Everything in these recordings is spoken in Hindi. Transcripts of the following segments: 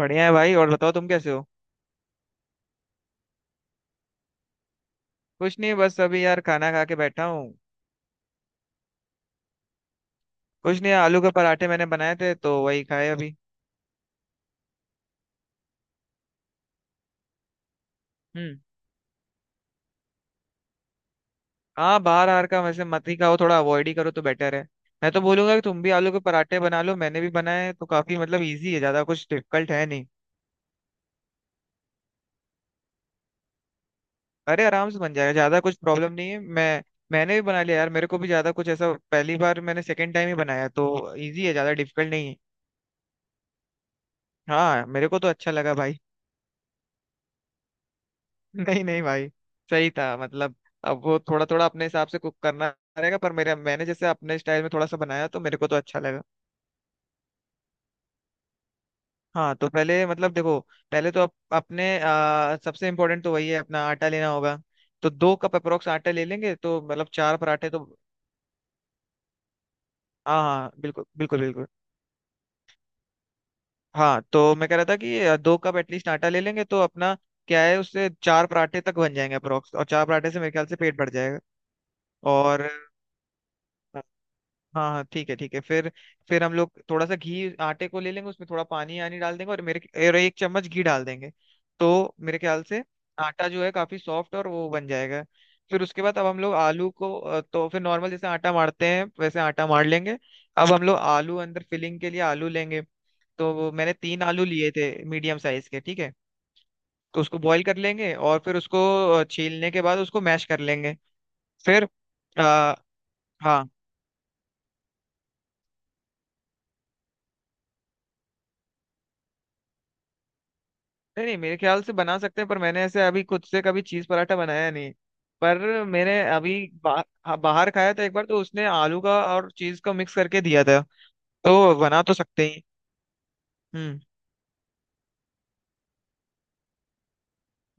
बढ़िया है भाई। और बताओ तुम कैसे हो? कुछ नहीं, बस अभी यार खाना खा के बैठा हूँ। कुछ नहीं, आलू के पराठे मैंने बनाए थे तो वही खाए अभी। हम्म। हाँ, बाहर आर का वैसे मत ही खाओ, थोड़ा अवॉइड ही करो तो बेटर है। मैं तो बोलूंगा कि तुम भी आलू के पराठे बना लो, मैंने भी बनाए हैं, तो काफी मतलब इजी है, ज्यादा कुछ डिफिकल्ट है नहीं। अरे, आराम से बन जाएगा, ज्यादा कुछ प्रॉब्लम नहीं है। मैं मैंने भी बना लिया यार, मेरे को भी ज्यादा कुछ ऐसा, पहली बार मैंने सेकेंड टाइम ही बनाया तो इजी है, ज्यादा डिफिकल्ट नहीं है। हाँ, मेरे को तो अच्छा लगा भाई। नहीं नहीं भाई। सही था मतलब। अब वो थोड़ा थोड़ा अपने हिसाब से कुक करना रहेगा, पर मेरे मैंने जैसे अपने स्टाइल में थोड़ा सा बनाया तो मेरे को तो अच्छा लगा। हाँ, तो पहले मतलब देखो। पहले तो अपने सबसे इम्पोर्टेंट तो वही है, अपना आटा लेना होगा। तो दो कप अप्रोक्स आटा ले लेंगे तो मतलब चार पराठे तो हाँ हाँ, बिल्कुल बिल्कुल बिल्कुल। हाँ, तो मैं कह रहा था कि दो कप एटलीस्ट आटा ले लेंगे तो अपना क्या है, उससे चार पराठे तक बन जाएंगे अप्रोक्स, और चार पराठे से मेरे ख्याल से पेट भर जाएगा। और हाँ हाँ, ठीक है ठीक है, फिर हम लोग थोड़ा सा घी आटे को ले लेंगे, उसमें थोड़ा पानी आनी डाल देंगे, और 1 चम्मच घी डाल देंगे। तो मेरे ख्याल से आटा जो है काफी सॉफ्ट और वो बन जाएगा। फिर उसके बाद अब हम लोग तो फिर नॉर्मल जैसे आटा मारते हैं वैसे आटा मार लेंगे। अब हम लोग आलू अंदर फिलिंग के लिए आलू लेंगे। तो वो मैंने तीन आलू लिए थे। मीडियम साइज के, ठीक है। तो उसको बॉईल कर लेंगे और फिर उसको छीलने के बाद उसको मैश कर लेंगे। फिर आ, हाँ, नहीं नहीं, मेरे ख्याल से बना सकते हैं, पर मैंने ऐसे अभी खुद से कभी चीज पराठा बनाया नहीं। पर मैंने अभी हाँ, बाहर खाया था एक बार, तो उसने आलू का और चीज का मिक्स करके दिया था। तो बना तो सकते ही हम्म।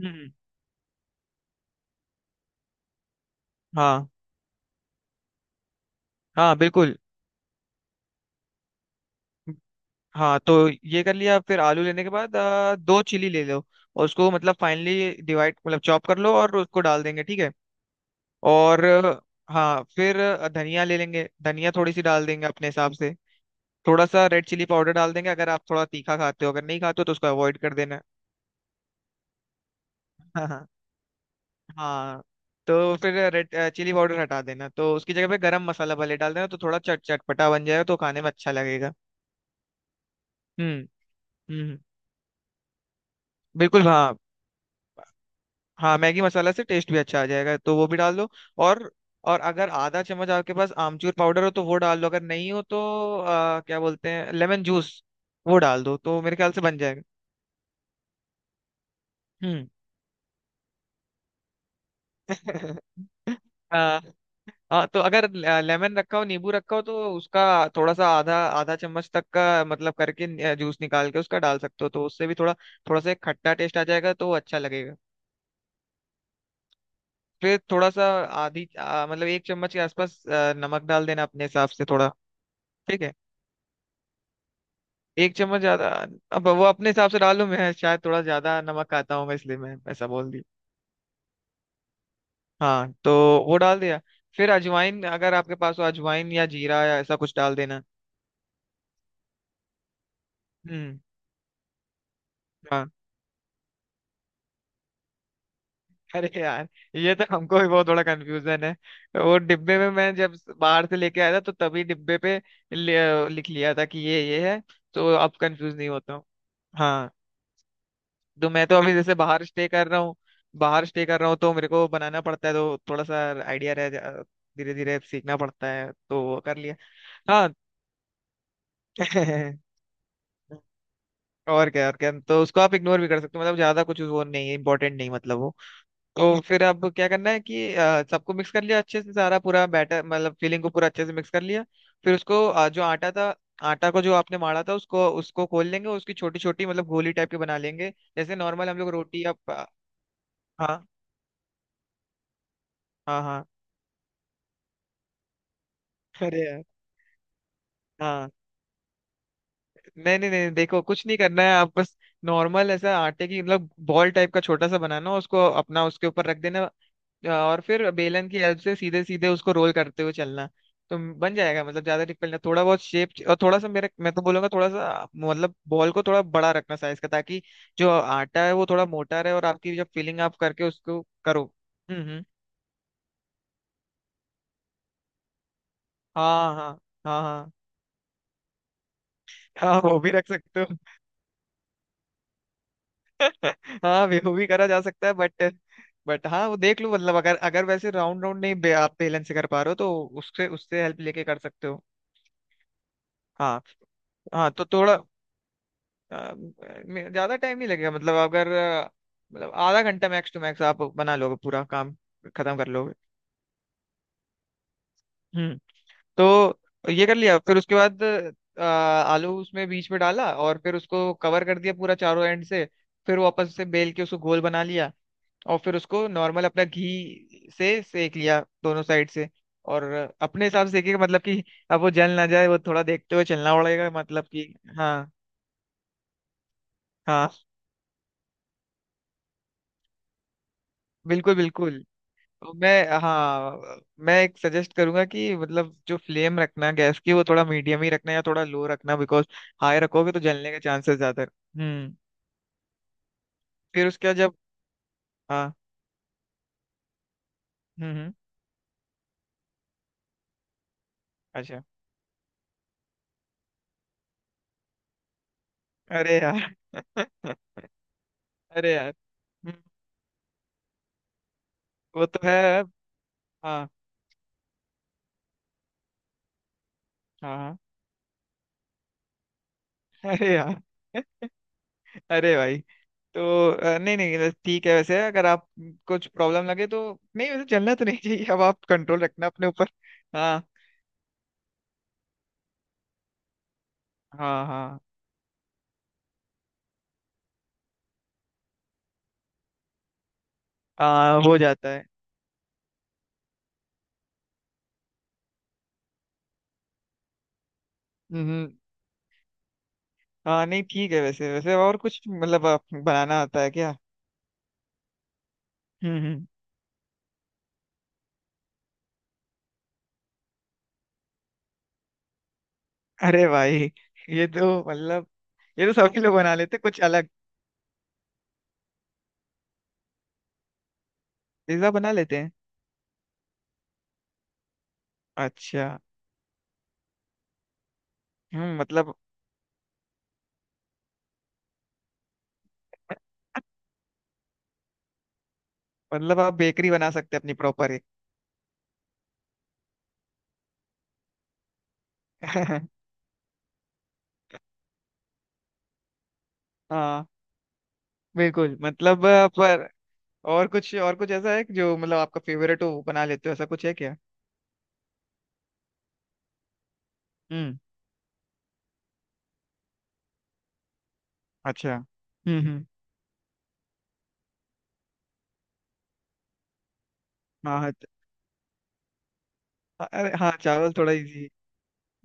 हम्म। हाँ हाँ बिल्कुल, हाँ। तो ये कर लिया, फिर आलू लेने के बाद दो चिली ले लो और उसको मतलब फाइनली डिवाइड, मतलब चॉप कर लो और उसको डाल देंगे, ठीक है। और हाँ, फिर धनिया ले लेंगे, धनिया थोड़ी सी डाल देंगे अपने हिसाब से। थोड़ा सा रेड चिली पाउडर डाल देंगे अगर आप थोड़ा तीखा खाते हो, अगर नहीं खाते हो तो उसको अवॉइड कर देना। हाँ हाँ। हाँ। तो फिर रेड चिली पाउडर हटा देना, तो उसकी जगह पे गरम मसाला भले डाल देना तो थोड़ा चट चटपटा बन जाएगा तो खाने में अच्छा लगेगा। हम्म। हम्म। बिल्कुल, हाँ। हाँ, मैगी मसाला से टेस्ट भी अच्छा आ जाएगा तो वो भी डाल दो। और और अगर आधा चम्मच आपके पास आमचूर पाउडर हो तो वो डाल लो, अगर नहीं हो तो क्या बोलते हैं, लेमन जूस। वो डाल दो तो मेरे ख्याल से बन जाएगा। हम्म। हाँ। हाँ, तो अगर लेमन रखा हो, नींबू रखा हो तो उसका थोड़ा सा, आधा आधा चम्मच तक का मतलब करके जूस निकाल के उसका डाल सकते हो, तो उससे भी थोड़ा थोड़ा सा एक खट्टा टेस्ट आ जाएगा तो अच्छा लगेगा। फिर थोड़ा सा मतलब 1 चम्मच के आसपास नमक डाल देना अपने हिसाब से थोड़ा। ठीक है। 1 चम्मच ज्यादा, अब वो अपने हिसाब से डालूं, मैं शायद थोड़ा ज्यादा नमक खाता हूँ, इसलिए मैं ऐसा बोल दी। हाँ, तो वो डाल दिया। फिर अजवाइन अगर आपके पास हो, अजवाइन या जीरा या ऐसा कुछ डाल देना। हम्म। हाँ। अरे यार, ये तो हमको भी बहुत थोड़ा कंफ्यूजन है। वो डिब्बे में मैं जब बाहर से लेके आया था तो तभी डिब्बे पे लिख लिया था कि ये है। तो अब कंफ्यूज नहीं होता हूँ। हाँ। तो मैं तो अभी जैसे बाहर स्टे कर रहा हूँ, बाहर स्टे कर रहा हूँ तो मेरे को बनाना पड़ता है, तो थोड़ा सा आइडिया रह, धीरे धीरे सीखना पड़ता है तो वो कर लिया। हाँ। और क्या, और क्या, तो उसको आप इग्नोर भी कर सकते हो, मतलब ज्यादा कुछ वो नहीं है, इंपॉर्टेंट नहीं, मतलब वो तो फिर अब क्या करना है कि सबको मिक्स कर लिया अच्छे से, सारा पूरा बैटर मतलब फीलिंग को पूरा अच्छे से मिक्स कर लिया। फिर उसको जो आटा था, आटा को जो आपने माड़ा था, उसको उसको खोल लेंगे, उसकी छोटी छोटी मतलब गोली टाइप की बना लेंगे। जैसे नॉर्मल हम लोग रोटी या हाँ हाँ। हाँ। अरे यार, हाँ, नहीं नहीं नहीं, देखो कुछ नहीं करना है, आप बस नॉर्मल ऐसा आटे की मतलब बॉल टाइप का छोटा सा बनाना, उसको अपना उसके ऊपर रख देना। और फिर बेलन की हेल्प से सीधे सीधे उसको रोल करते हुए चलना। तो बन जाएगा, मतलब ज्यादा डिफिकल्ट नहीं, थोड़ा बहुत शेप, और थोड़ा सा मेरे मैं तो बोलूंगा थोड़ा सा मतलब बॉल को थोड़ा बड़ा रखना साइज का, ताकि जो आटा है वो थोड़ा मोटा रहे और आपकी जब फिलिंग आप करके उसको करो। हम्म। हाँ हाँ। हाँ। हाँ। हाँ, वो भी रख सकते हो। हाँ, वो भी करा जा सकता है, बट हाँ, वो देख लो, मतलब अगर अगर वैसे राउंड राउंड नहीं आप बेलन से कर पा रहे हो तो उससे उससे हेल्प लेके कर सकते हो। हाँ। हाँ, तो थोड़ा अ, ज्यादा टाइम नहीं लगेगा, मतलब अगर मतलब आधा घंटा मैक्स टू मैक्स आप बना लोगे पूरा काम खत्म कर लोगे। हम्म। तो ये कर लिया, फिर उसके बाद आलू उसमें बीच में डाला और फिर उसको कवर कर दिया पूरा चारों एंड से। फिर वापस से बेल के उसको गोल बना लिया। और फिर उसको नॉर्मल अपना घी से सेक लिया दोनों साइड से। और अपने हिसाब से सेकेगा, मतलब कि अब वो जल ना जाए, वो थोड़ा देखते हुए चलना पड़ेगा, मतलब कि, हाँ। हाँ, बिल्कुल बिल्कुल। तो मैं, हाँ, मैं एक सजेस्ट करूंगा कि मतलब जो फ्लेम रखना गैस की वो थोड़ा मीडियम ही रखना या थोड़ा लो रखना, बिकॉज हाई रखोगे तो जलने के चांसेस ज्यादा है। हम्म। फिर उसके बाद जब हाँ। हम्म। अच्छा। अरे यार। अरे यार। हम्म। वो तो है। हाँ। हाँ हाँ। अरे यार। अरे भाई। तो नहीं नहीं, बस ठीक है, वैसे अगर आप कुछ प्रॉब्लम लगे तो नहीं, वैसे चलना तो नहीं चाहिए, अब आप कंट्रोल रखना अपने ऊपर। हाँ हाँ। हाँ, हाँ हो जाता है। हम्म। हाँ, नहीं ठीक है, वैसे वैसे और कुछ मतलब आप बनाना आता है क्या? हम्म हम्म। अरे भाई, ये तो मतलब, ये तो सभी लोग बना लेते हैं, कुछ अलग। पिज्जा बना लेते हैं। अच्छा। हम्म, मतलब, मतलब आप बेकरी बना सकते हैं अपनी प्रॉपर एक। हाँ बिल्कुल, मतलब पर और कुछ, और कुछ ऐसा है कि जो मतलब आपका फेवरेट हो वो बना लेते हो, ऐसा कुछ है क्या? हम्म। अच्छा, हम्म। हाँ हाँ। अरे हाँ, चावल थोड़ा इजी।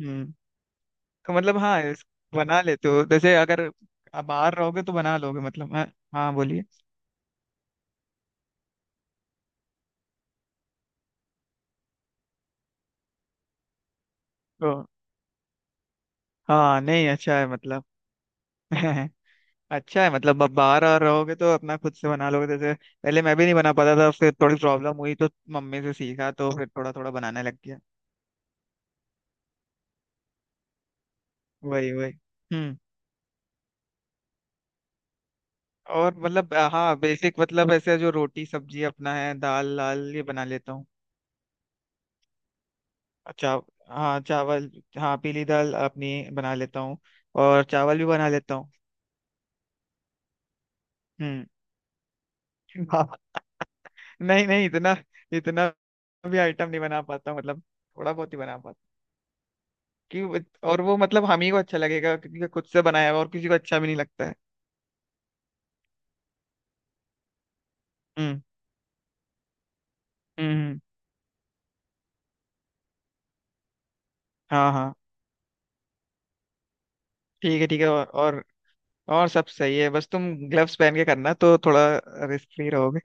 हम्म। तो मतलब हाँ, बना लेते हो, जैसे अगर आप बाहर रहोगे तो बना लोगे, मतलब हाँ। हाँ, बोलिए। तो हाँ, नहीं अच्छा है मतलब। अच्छा है मतलब, अब बाहर और रहोगे तो अपना खुद से बना लोगे, जैसे पहले मैं भी नहीं बना पाता था, फिर थोड़ी प्रॉब्लम हुई तो मम्मी से सीखा तो फिर थोड़ा थोड़ा बनाने लग गया। वही वही। हम्म, और मतलब हाँ, बेसिक मतलब ऐसे जो रोटी सब्जी अपना है, दाल लाल ये बना लेता हूँ। चाव हाँ, चावल, हाँ, पीली दाल अपनी बना लेता हूँ और चावल भी बना लेता हूँ। हम्म। नहीं नहीं, इतना इतना भी आइटम नहीं बना पाता हूँ, मतलब थोड़ा बहुत ही बना पाता हूँ कि, और वो मतलब हम ही को अच्छा लगेगा क्योंकि खुद से बनाया हुआ और किसी को अच्छा भी नहीं लगता है। हम्म हम्म। हाँ हाँ, ठीक है ठीक है, और और सब सही है, बस तुम ग्लव्स पहन के करना तो थोड़ा रिस्क फ्री रहोगे।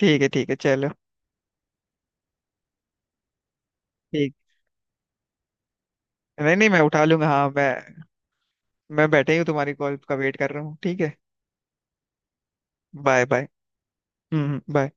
ठीक है ठीक है, चलो। ठीक, नहीं नहीं, मैं उठा लूंगा, हाँ, मैं बैठे ही हूँ, तुम्हारी कॉल का वेट कर रहा हूँ, ठीक है। Bye bye. Hmm, bye.